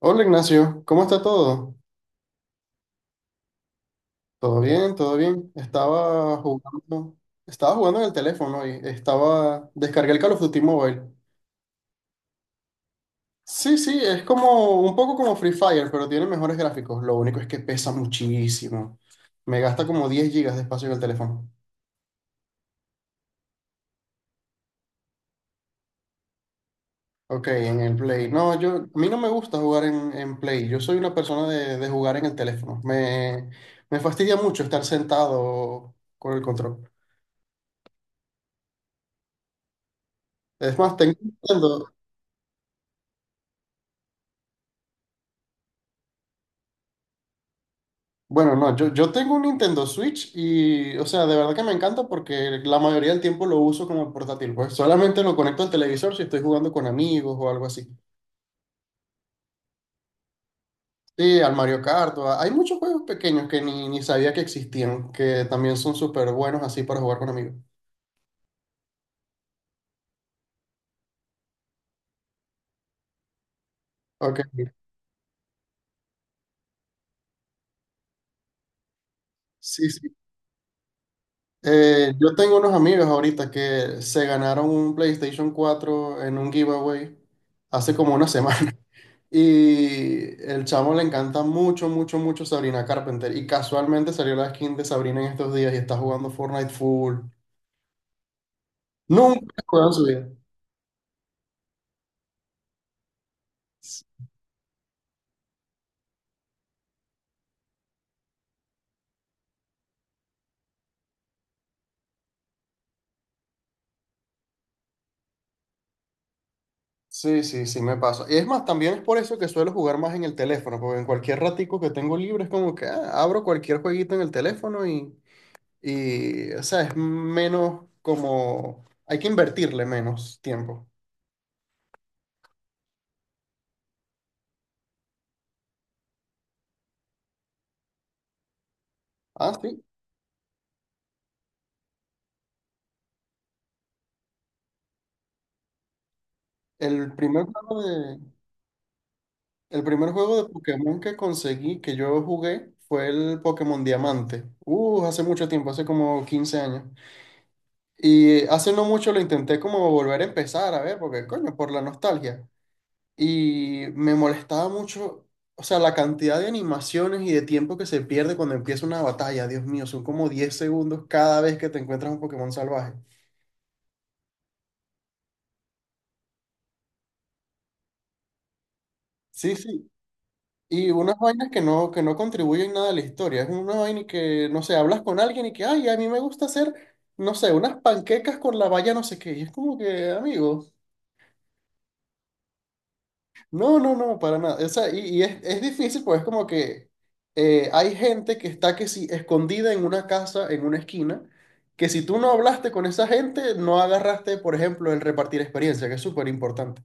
Hola Ignacio, ¿cómo está todo? Todo bien, todo bien. Estaba jugando en el teléfono y estaba, descargué el Call of Duty Mobile. Sí, sí, es como un poco como Free Fire, pero tiene mejores gráficos. Lo único es que pesa muchísimo. Me gasta como 10 gigas de espacio en el teléfono. Ok, en el Play. No, yo, a mí no me gusta jugar en Play. Yo soy una persona de jugar en el teléfono. Me fastidia mucho estar sentado con el control. Es más, tengo, un Nintendo. Bueno, no, yo tengo un Nintendo Switch y, o sea, de verdad que me encanta porque la mayoría del tiempo lo uso como portátil, pues solamente lo conecto al televisor si estoy jugando con amigos o algo así. Sí, al Mario Kart, hay muchos juegos pequeños que ni sabía que existían, que también son súper buenos así para jugar con amigos. Ok, sí, sí. Yo tengo unos amigos ahorita que se ganaron un PlayStation 4 en un giveaway hace como una semana. Y el chamo le encanta mucho, mucho, mucho Sabrina Carpenter. Y casualmente salió la skin de Sabrina en estos días y está jugando Fortnite full. Nunca juega en su vida. Sí, sí, sí, me pasa. Y es más, también es por eso que suelo jugar más en el teléfono, porque en cualquier ratico que tengo libre es como que ah, abro cualquier jueguito en el teléfono y, o sea, es menos como, hay que invertirle menos tiempo. Ah, sí. El primer juego de, el primer juego de Pokémon que conseguí, que yo jugué, fue el Pokémon Diamante. Hace mucho tiempo, hace como 15 años. Y hace no mucho lo intenté como volver a empezar, a ver, porque coño, por la nostalgia. Y me molestaba mucho, o sea, la cantidad de animaciones y de tiempo que se pierde cuando empieza una batalla. Dios mío, son como 10 segundos cada vez que te encuentras un Pokémon salvaje. Sí, sí. Y unas vainas que no contribuyen nada a la historia. Es una vaina y que, no sé, hablas con alguien y que, ay, a mí me gusta hacer, no sé, unas panquecas con la valla no sé qué. Y es como que, amigo, no, no, no, para nada. O sea, y es difícil, pues es como que hay gente que está que sí, escondida en una casa, en una esquina, que si tú no hablaste con esa gente, no agarraste, por ejemplo, el repartir experiencia, que es súper importante.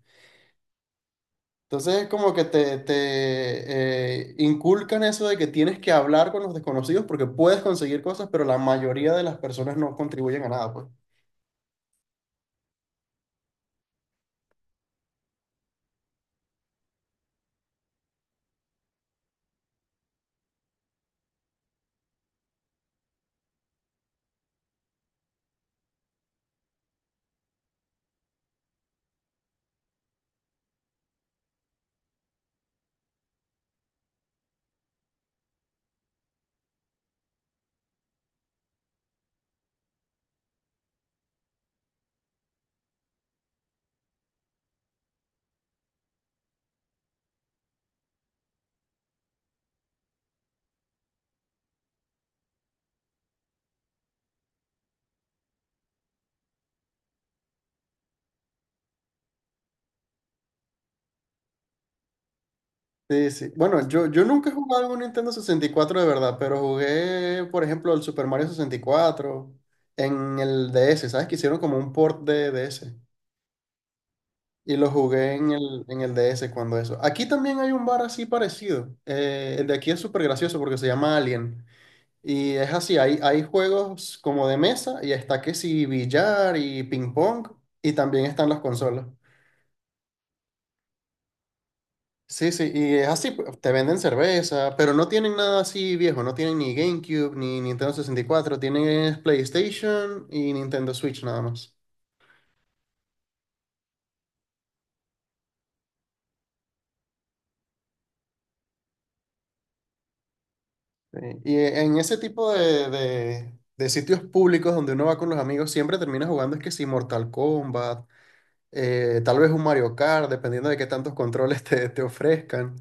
Entonces es como que inculcan eso de que tienes que hablar con los desconocidos porque puedes conseguir cosas, pero la mayoría de las personas no contribuyen a nada, pues. Sí, sí. Bueno, yo nunca he jugado un Nintendo 64 de verdad, pero jugué, por ejemplo, el Super Mario 64 en el DS, ¿sabes? Que hicieron como un port de DS. Y lo jugué en el DS cuando eso. Aquí también hay un bar así parecido. El de aquí es súper gracioso porque se llama Alien. Y es así, hay juegos como de mesa y está que sí billar y ping pong y también están las consolas. Sí, sí, y es así, te venden cerveza, pero no tienen nada así viejo, no tienen ni GameCube ni Nintendo 64, tienen es PlayStation y Nintendo Switch nada más. Sí. Y en ese tipo de sitios públicos donde uno va con los amigos, siempre termina jugando es que si Mortal Kombat, tal vez un Mario Kart, dependiendo de qué tantos controles te ofrezcan.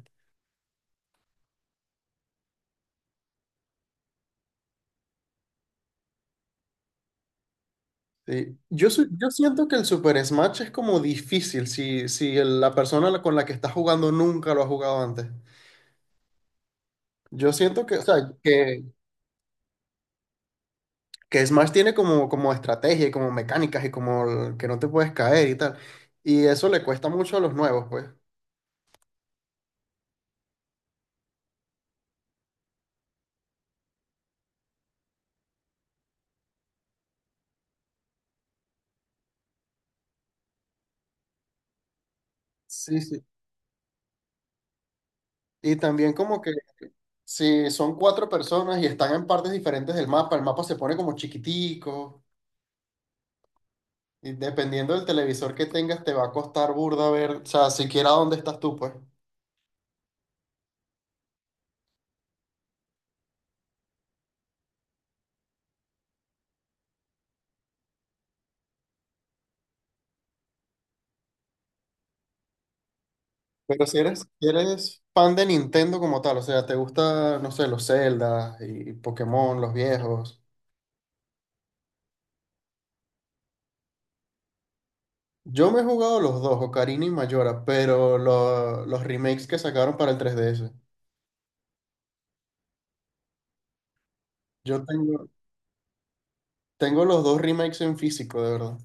Sí. Yo siento que el Super Smash es como difícil si, la persona con la que estás jugando nunca lo ha jugado antes. Yo siento que, o sea, que Smash tiene como, como estrategia y como mecánicas y como que no te puedes caer y tal. Y eso le cuesta mucho a los nuevos, pues. Sí, sí. Y también como que si son cuatro personas y están en partes diferentes del mapa, el mapa se pone como chiquitico. Y dependiendo del televisor que tengas, te va a costar burda ver, o sea, siquiera dónde estás tú, pues. Pero si eres, si eres fan de Nintendo como tal, o sea, te gusta, no sé, los Zelda y Pokémon, los viejos. Yo me he jugado los dos, Ocarina y Majora, pero los remakes que sacaron para el 3DS. Yo tengo, tengo los dos remakes en físico, de verdad.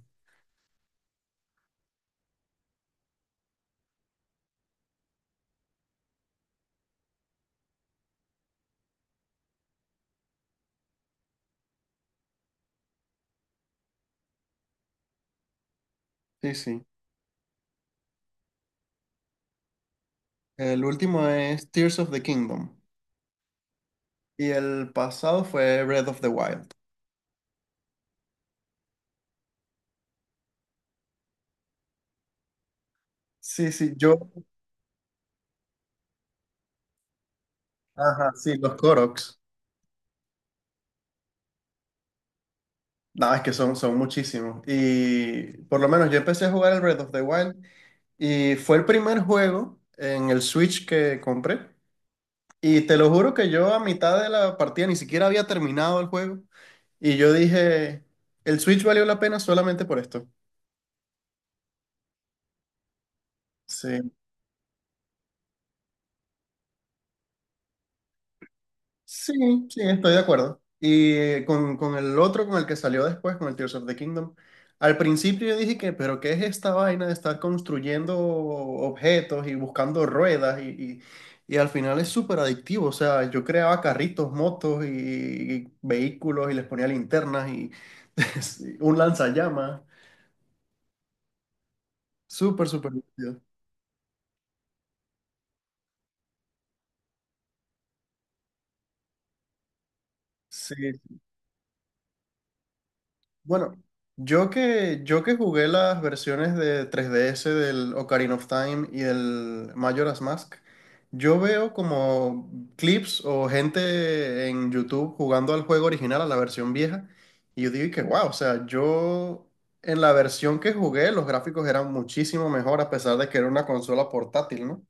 Sí, sí. El último es Tears of the Kingdom y el pasado fue Breath of the Wild. Sí, sí, yo. Ajá, sí, los Koroks. No, es que son, son muchísimos. Y por lo menos yo empecé a jugar el Breath of the Wild y fue el primer juego en el Switch que compré. Y te lo juro que yo a mitad de la partida ni siquiera había terminado el juego. Y yo dije, el Switch valió la pena solamente por esto. Sí. Sí, sí, estoy de acuerdo. Y con el otro, con el que salió después, con el Tears of the Kingdom, al principio yo dije que, pero ¿qué es esta vaina de estar construyendo objetos y buscando ruedas? Y al final es súper adictivo. O sea, yo creaba carritos, motos y vehículos y les ponía linternas y un lanzallamas. Súper, súper divertido. Sí. Bueno, yo que jugué las versiones de 3DS del Ocarina of Time y el Majora's Mask, yo veo como clips o gente en YouTube jugando al juego original, a la versión vieja, y yo digo que wow, o sea, yo en la versión que jugué los gráficos eran muchísimo mejor a pesar de que era una consola portátil, ¿no?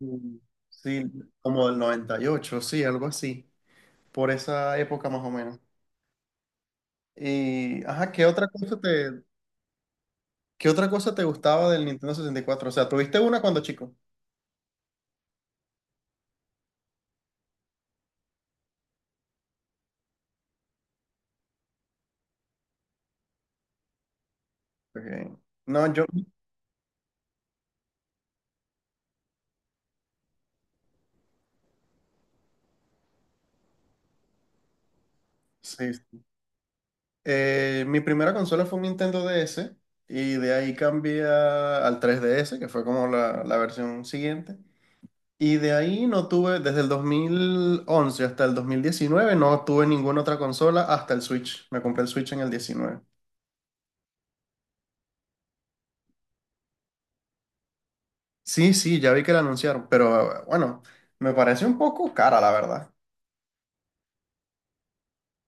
Mm. Sí, como del 98, sí, algo así, por esa época más o menos. Y, ajá, ¿qué otra cosa te, ¿qué otra cosa te gustaba del Nintendo 64? O sea, ¿tuviste una cuando chico? Ok. No, yo, sí. Sí. Mi primera consola fue un Nintendo DS y de ahí cambié al 3DS, que fue como la versión siguiente. Y de ahí no tuve, desde el 2011 hasta el 2019 no tuve ninguna otra consola hasta el Switch. Me compré el Switch en el 19. Sí, sí, ya vi que la anunciaron, pero bueno, me parece un poco cara, la verdad.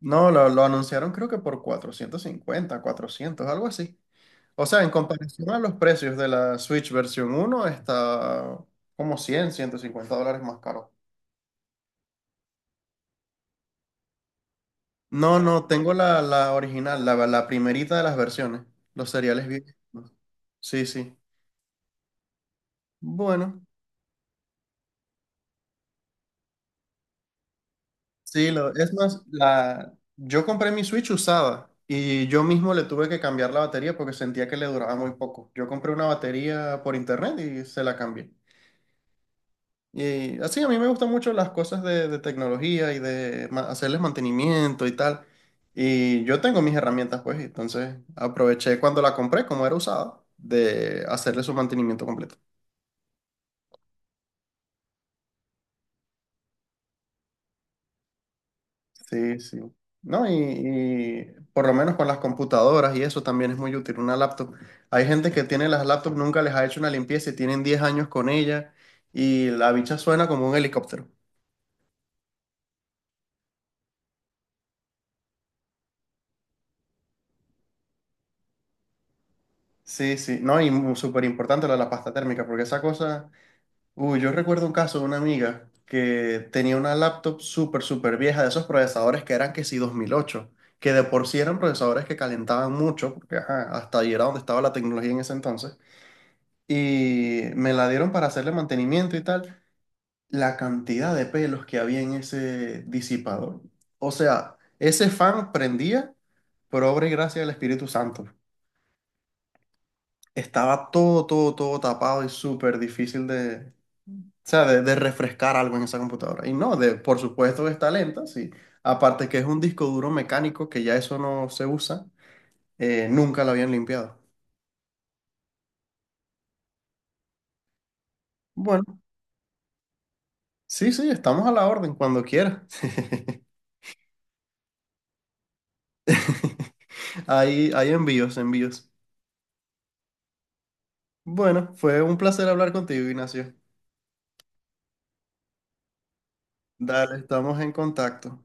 No, lo anunciaron creo que por 450, 400, algo así. O sea, en comparación a los precios de la Switch versión uno está como 100, $150 más caro. No, no, tengo la original, la primerita de las versiones, los seriales viejos. Sí, sí. Bueno, sí, lo, es más, la, yo compré mi Switch usada y yo mismo le tuve que cambiar la batería porque sentía que le duraba muy poco. Yo compré una batería por internet y se la cambié. Y así, a mí me gustan mucho las cosas de tecnología y de hacerles mantenimiento y tal. Y yo tengo mis herramientas, pues, entonces aproveché cuando la compré, como era usada, de hacerle su mantenimiento completo. Sí, sí. No, y por lo menos con las computadoras y eso también es muy útil, una laptop. Hay gente que tiene las laptops, nunca les ha hecho una limpieza y tienen 10 años con ella y la bicha suena como un helicóptero. Sí, sí, no, y súper importante lo de la pasta térmica, porque esa cosa... Uy, yo recuerdo un caso de una amiga que tenía una laptop súper, súper vieja de esos procesadores que eran que sí 2008, que de por sí eran procesadores que calentaban mucho, porque ajá, hasta ahí era donde estaba la tecnología en ese entonces, y me la dieron para hacerle mantenimiento y tal. La cantidad de pelos que había en ese disipador. O sea, ese fan prendía por obra y gracia del Espíritu Santo. Estaba todo, todo, todo tapado y súper difícil de, o sea, de refrescar algo en esa computadora. Y no, de, por supuesto que está lenta, sí. Aparte que es un disco duro mecánico que ya eso no se usa, nunca lo habían limpiado. Bueno, sí, sí, estamos a la orden cuando quiera. Hay envíos, envíos. Bueno, fue un placer hablar contigo, Ignacio. Dale, estamos en contacto.